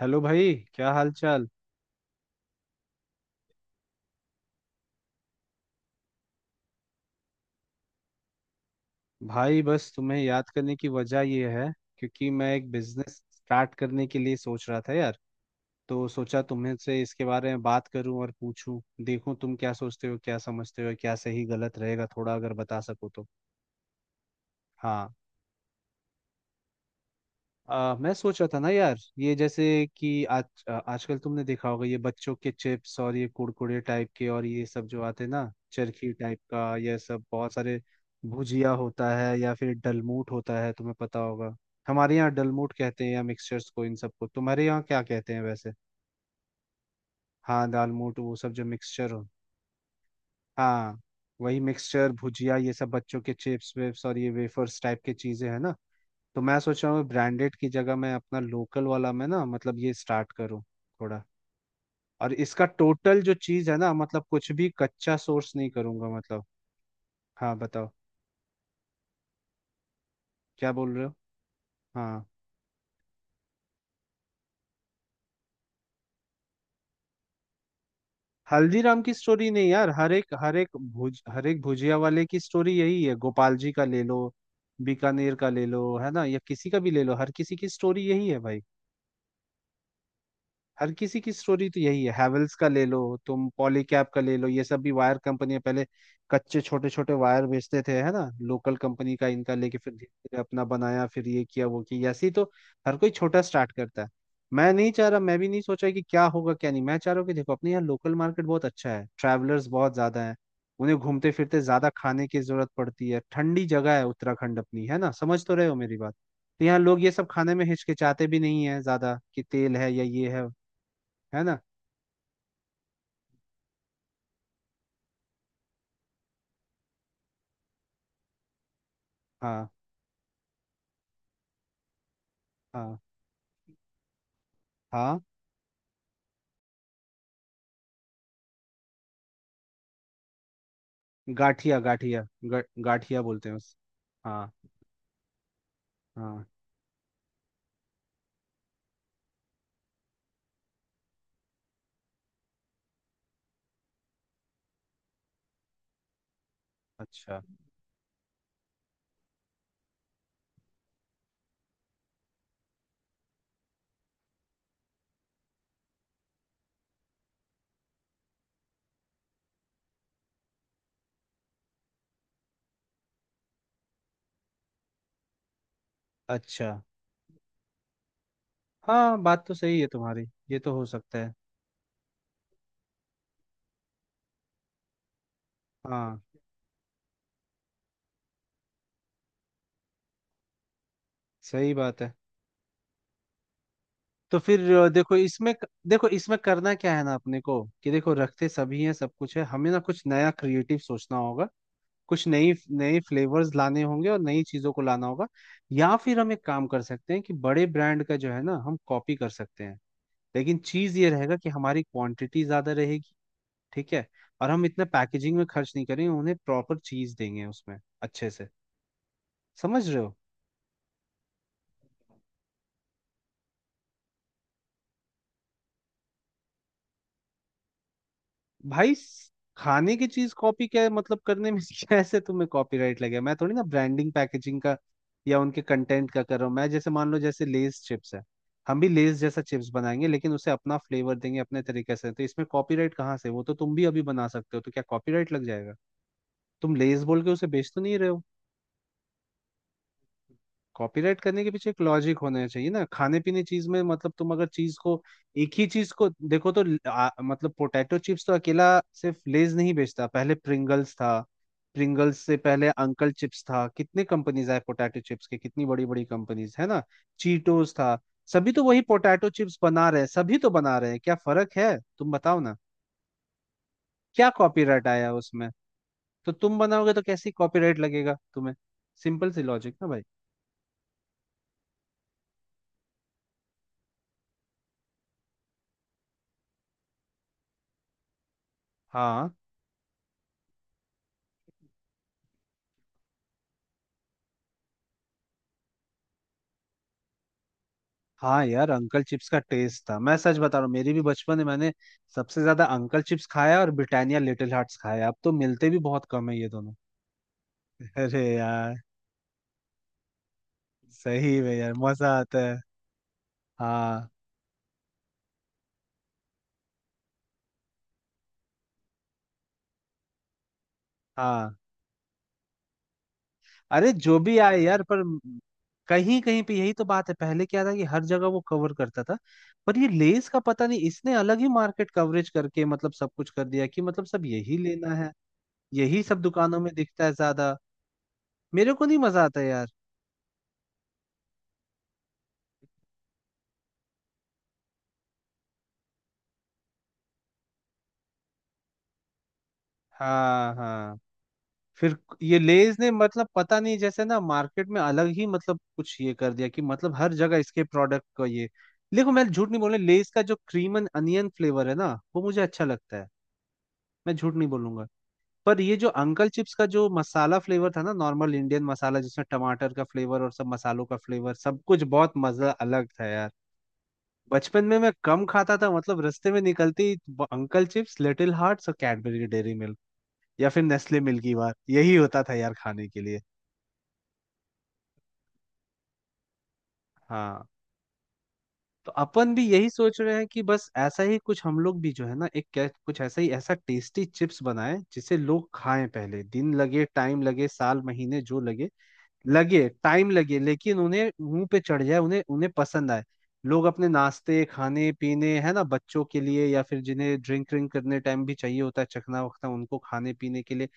Hello भाई, क्या हाल चाल। भाई बस तुम्हें याद करने की वजह ये है क्योंकि मैं एक बिजनेस स्टार्ट करने के लिए सोच रहा था यार। तो सोचा तुम्हें से इसके बारे में बात करूं और पूछूं, देखूं तुम क्या सोचते हो, क्या समझते हो, क्या सही गलत रहेगा, थोड़ा अगर बता सको तो। हाँ। मैं सोच रहा था ना यार ये जैसे कि आज, आजकल तुमने देखा होगा ये बच्चों के चिप्स और ये कुरकुरे टाइप के और ये सब जो आते हैं ना, चरखी टाइप का, ये सब बहुत सारे भुजिया होता है या फिर डलमूट होता है, तुम्हें पता होगा। हमारे यहाँ डलमूट कहते हैं या मिक्सचर्स को, इन सबको तुम्हारे यहाँ क्या कहते हैं वैसे। हाँ दालमूट, वो सब जो मिक्सचर हो। हाँ वही मिक्सचर, भुजिया, ये सब बच्चों के चिप्स वेप्स और ये वेफर्स टाइप की चीजें हैं ना। तो मैं सोच रहा हूँ ब्रांडेड की जगह मैं अपना लोकल वाला मैं ना मतलब ये स्टार्ट करूँ थोड़ा। और इसका टोटल जो चीज़ है ना, मतलब कुछ भी कच्चा सोर्स नहीं करूंगा मतलब। हाँ बताओ, क्या बोल रहे हो। हाँ। हल्दीराम की स्टोरी नहीं यार, हर एक भुज हर एक भुजिया वाले की स्टोरी यही है। गोपाल जी का ले लो, बीकानेर का ले लो, है ना, या किसी का भी ले लो, हर किसी की स्टोरी यही है भाई। हर किसी की स्टोरी तो यही है, हैवेल्स का ले लो, तुम पॉलीकैब का ले लो, ये सब भी वायर कंपनियां पहले कच्चे छोटे छोटे वायर बेचते थे है ना, लोकल कंपनी का इनका लेके, फिर धीरे धीरे अपना बनाया, फिर ये किया वो किया, ऐसे ही तो हर कोई छोटा स्टार्ट करता है। मैं नहीं चाह रहा, मैं भी नहीं सोचा कि क्या होगा क्या नहीं, मैं चाह रहा हूँ कि देखो अपने यहाँ लोकल मार्केट बहुत अच्छा है, ट्रैवलर्स बहुत ज्यादा है, उन्हें घूमते फिरते ज्यादा खाने की जरूरत पड़ती है, ठंडी जगह है उत्तराखंड अपनी, है ना, समझ तो रहे हो मेरी बात। तो यहाँ लोग ये सब खाने में हिचकिचाते भी नहीं है ज्यादा कि तेल है या ये है ना। हाँ हाँ हाँ। गाठिया गाठिया, गाठिया बोलते हैं उस। हाँ हाँ। अच्छा। अच्छा। हाँ बात तो सही है तुम्हारी, ये तो हो सकता है। हाँ सही बात है। तो फिर देखो इसमें, देखो इसमें करना क्या है ना अपने को कि देखो रखते सभी हैं, सब कुछ है, हमें ना कुछ नया क्रिएटिव सोचना होगा, कुछ नई नए फ्लेवर्स लाने होंगे और नई चीजों को लाना होगा। या फिर हम एक काम कर सकते हैं कि बड़े ब्रांड का जो है ना हम कॉपी कर सकते हैं, लेकिन चीज ये रहेगा कि हमारी क्वांटिटी ज्यादा रहेगी, ठीक है, और हम इतना पैकेजिंग में खर्च नहीं करेंगे, उन्हें प्रॉपर चीज देंगे उसमें अच्छे से। समझ रहे हो। भाई खाने की चीज कॉपी क्या मतलब करने में कैसे तुम्हें कॉपीराइट लगे। मैं थोड़ी ना ब्रांडिंग पैकेजिंग का या उनके कंटेंट का कर रहा हूँ। मैं जैसे मान लो, जैसे लेस चिप्स है, हम भी लेस जैसा चिप्स बनाएंगे लेकिन उसे अपना फ्लेवर देंगे अपने तरीके से, तो इसमें कॉपीराइट कहाँ से। वो तो तुम भी अभी बना सकते हो, तो क्या कॉपीराइट लग जाएगा। तुम लेस बोल के उसे बेच तो नहीं रहे हो। कॉपीराइट करने के पीछे एक लॉजिक होना चाहिए ना, खाने पीने चीज में मतलब तुम अगर चीज को एक ही चीज को देखो तो मतलब पोटैटो चिप्स तो अकेला सिर्फ लेज नहीं बेचता, पहले प्रिंगल्स था, प्रिंगल्स से पहले अंकल चिप्स था। कितने कंपनीज आए पोटैटो चिप्स के, कितनी बड़ी बड़ी कंपनीज है ना, चीटोस था। सभी तो वही पोटैटो चिप्स बना रहे हैं, सभी तो बना रहे हैं, क्या फर्क है, तुम बताओ ना। क्या कॉपीराइट आया उसमें। तो तुम बनाओगे तो कैसी कॉपीराइट लगेगा तुम्हें। सिंपल सी लॉजिक ना भाई। हाँ हाँ यार, अंकल चिप्स का टेस्ट था, मैं सच बता रहा हूँ। मेरी भी बचपन में मैंने सबसे ज्यादा अंकल चिप्स खाया और ब्रिटानिया लिटिल हार्ट्स खाया। अब तो मिलते भी बहुत कम है ये दोनों। अरे यार सही में यार मजा आता है। हाँ हाँ। अरे जो भी आए यार, पर कहीं कहीं पे, यही तो बात है। पहले क्या था कि हर जगह वो कवर करता था, पर ये लेस का पता नहीं, इसने अलग ही मार्केट कवरेज करके मतलब सब कुछ कर दिया कि मतलब सब यही लेना है, यही सब दुकानों में दिखता है ज्यादा। मेरे को नहीं मजा आता यार। हाँ हाँ। फिर ये लेज ने मतलब पता नहीं जैसे ना मार्केट में अलग ही मतलब कुछ ये कर दिया कि मतलब हर जगह इसके प्रोडक्ट का ये। देखो मैं झूठ नहीं बोल रहा, लेज का जो क्रीम एंड अनियन फ्लेवर है ना, वो मुझे अच्छा लगता है, मैं झूठ नहीं बोलूंगा। पर ये जो अंकल चिप्स का जो मसाला फ्लेवर था ना, नॉर्मल इंडियन मसाला जिसमें टमाटर का फ्लेवर और सब मसालों का फ्लेवर, सब कुछ बहुत मजा, अलग था यार। बचपन में मैं कम खाता था, मतलब रास्ते में निकलते ही अंकल चिप्स, लिटिल हार्ट्स और कैडबरी डेयरी मिल्क या फिर नेस्ले मिल्कीबार, यही होता था यार खाने के लिए। हाँ। तो अपन भी यही सोच रहे हैं कि बस ऐसा ही कुछ हम लोग भी जो है ना एक कुछ ऐसा ही, ऐसा टेस्टी चिप्स बनाए जिसे लोग खाएं। पहले दिन लगे, टाइम लगे, साल महीने जो लगे, लगे, टाइम लगे, लेकिन उन्हें मुंह पे चढ़ जाए, उन्हें, उन्हें पसंद आए। लोग अपने नाश्ते, खाने पीने, है ना, बच्चों के लिए या फिर जिन्हें ड्रिंक व्रिंक करने टाइम भी चाहिए होता है, चखना वखना उनको, खाने पीने के लिए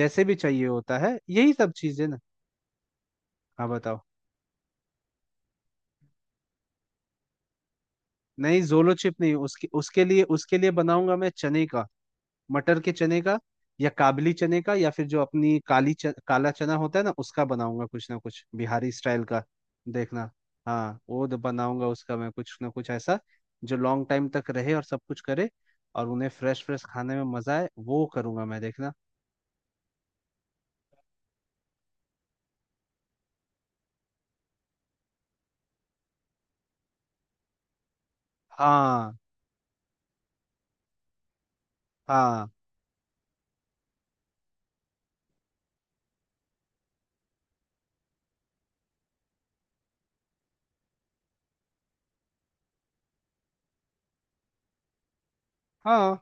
जैसे भी चाहिए होता है, यही सब चीजें ना। हाँ बताओ। नहीं जोलो चिप नहीं, उसके, उसके लिए, उसके लिए बनाऊंगा मैं चने का, मटर के चने का, या काबली चने का, या फिर जो अपनी काली काला चना होता है ना, उसका बनाऊंगा कुछ ना कुछ बिहारी स्टाइल का, देखना। हाँ वो बनाऊंगा उसका मैं कुछ ना कुछ ऐसा जो लॉन्ग टाइम तक रहे और सब कुछ करे, और उन्हें फ्रेश फ्रेश खाने में मजा आए, वो करूंगा मैं, देखना। हाँ। हाँ हाँ।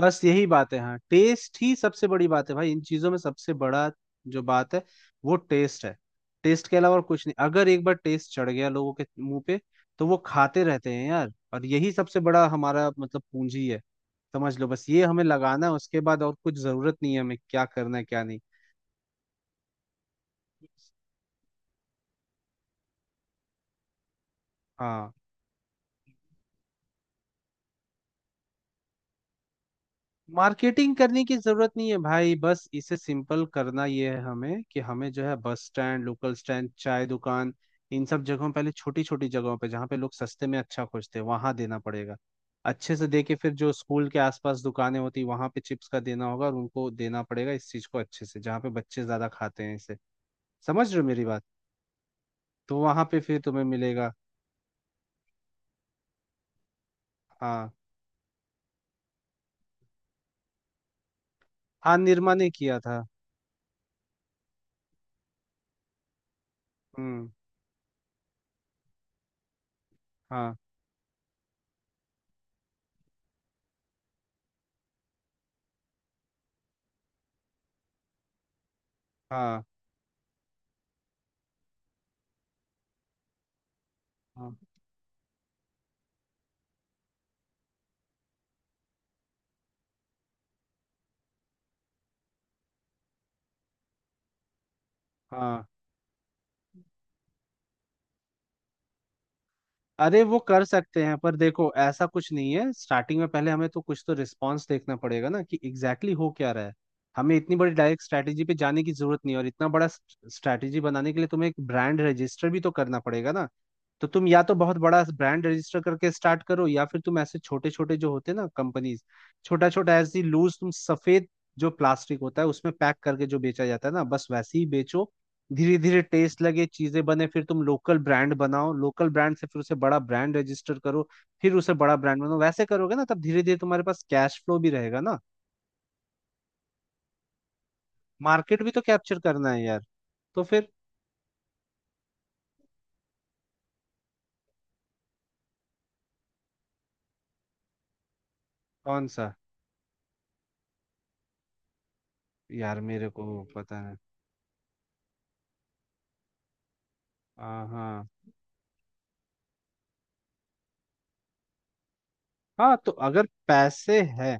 बस यही बात है। हाँ टेस्ट ही सबसे बड़ी बात है भाई, इन चीजों में सबसे बड़ा जो बात है वो टेस्ट है। टेस्ट के अलावा और कुछ नहीं, अगर एक बार टेस्ट चढ़ गया लोगों के मुंह पे तो वो खाते रहते हैं यार, और यही सबसे बड़ा हमारा मतलब पूंजी है समझ लो। बस ये हमें लगाना है, उसके बाद और कुछ जरूरत नहीं है, हमें क्या करना है क्या नहीं। हाँ। मार्केटिंग करने की जरूरत नहीं है भाई, बस इसे सिंपल करना ये है हमें कि हमें जो है बस स्टैंड, लोकल स्टैंड, चाय दुकान, इन सब जगहों, पहले छोटी छोटी जगहों पे जहाँ पे लोग सस्ते में अच्छा खोजते हैं, वहां देना पड़ेगा अच्छे से। देके फिर जो स्कूल के आसपास दुकानें होती, वहां पे चिप्स का देना होगा और उनको देना पड़ेगा इस चीज को अच्छे से, जहाँ पे बच्चे ज्यादा खाते हैं इसे, समझ रहे हो मेरी बात। तो वहां पे फिर तुम्हें मिलेगा। हाँ। हाँ निरमा ने किया था। हम्म। हाँ हाँ हाँ हाँ। अरे वो कर सकते हैं, पर देखो ऐसा कुछ नहीं है स्टार्टिंग में, पहले हमें तो कुछ तो रिस्पांस देखना पड़ेगा ना, कि एग्जैक्टली exactly हो क्या रहा है। हमें इतनी बड़ी डायरेक्ट स्ट्रैटेजी पे जाने की जरूरत नहीं है, और इतना बड़ा स्ट्रैटेजी बनाने के लिए तुम्हें एक ब्रांड रजिस्टर भी तो करना पड़ेगा ना। तो तुम या तो बहुत बड़ा ब्रांड रजिस्टर करके स्टार्ट करो, या फिर तुम ऐसे छोटे छोटे जो होते हैं ना कंपनीज, छोटा छोटा ऐसी लूज, तुम सफेद जो प्लास्टिक होता है उसमें पैक करके जो बेचा जाता है ना, बस वैसे ही बेचो। धीरे धीरे टेस्ट लगे, चीजें बने, फिर तुम लोकल ब्रांड बनाओ, लोकल ब्रांड से फिर उसे बड़ा ब्रांड रजिस्टर करो, फिर उसे बड़ा ब्रांड बनाओ। वैसे करोगे ना तब धीरे धीरे तुम्हारे पास कैश फ्लो भी रहेगा ना। मार्केट भी तो कैप्चर करना है यार। तो फिर। कौन सा। यार मेरे को पता है। हाँ हाँ। हाँ तो अगर पैसे हैं,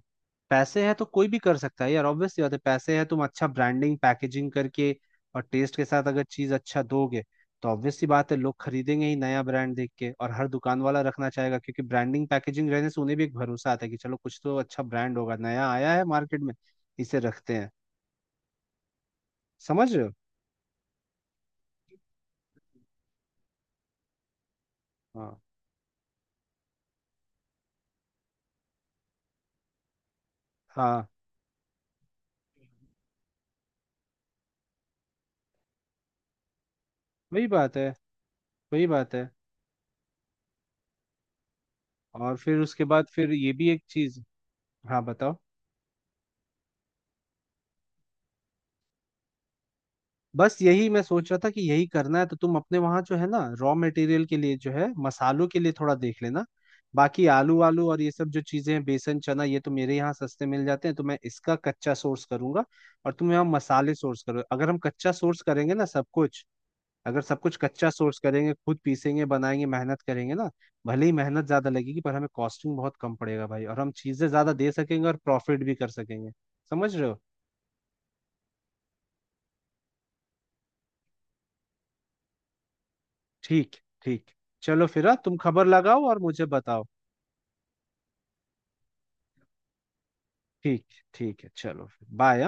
पैसे हैं तो कोई भी कर सकता है यार, ऑब्वियस सी बात है। पैसे हैं, तुम अच्छा ब्रांडिंग पैकेजिंग करके और टेस्ट के साथ अगर चीज अच्छा दोगे तो ऑब्वियस सी बात है लोग खरीदेंगे ही नया ब्रांड देख के, और हर दुकान वाला रखना चाहेगा क्योंकि ब्रांडिंग पैकेजिंग रहने से उन्हें भी एक भरोसा आता है कि चलो कुछ तो अच्छा ब्रांड होगा, नया आया है मार्केट में, इसे रखते हैं। समझ रहे हो। हाँ। हाँ वही बात है वही बात है। और फिर उसके बाद फिर ये भी एक चीज। हाँ बताओ। बस यही मैं सोच रहा था कि यही करना है तो तुम अपने वहां जो है ना रॉ मटेरियल के लिए, जो है मसालों के लिए थोड़ा देख लेना। बाकी आलू वालू और ये सब जो चीजें हैं, बेसन चना, ये तो मेरे यहाँ सस्ते मिल जाते हैं, तो मैं इसका कच्चा सोर्स करूंगा। और तुम यहाँ मसाले सोर्स करो। अगर हम कच्चा सोर्स करेंगे ना सब कुछ, अगर सब कुछ कच्चा सोर्स करेंगे, खुद पीसेंगे, बनाएंगे, मेहनत करेंगे ना, भले ही मेहनत ज्यादा लगेगी पर हमें कॉस्टिंग बहुत कम पड़ेगा भाई, और हम चीजें ज्यादा दे सकेंगे और प्रॉफिट भी कर सकेंगे। समझ रहे हो। ठीक। ठीक। चलो फिर। हाँ, तुम खबर लगाओ और मुझे बताओ। ठीक। ठीक है चलो फिर, बाय।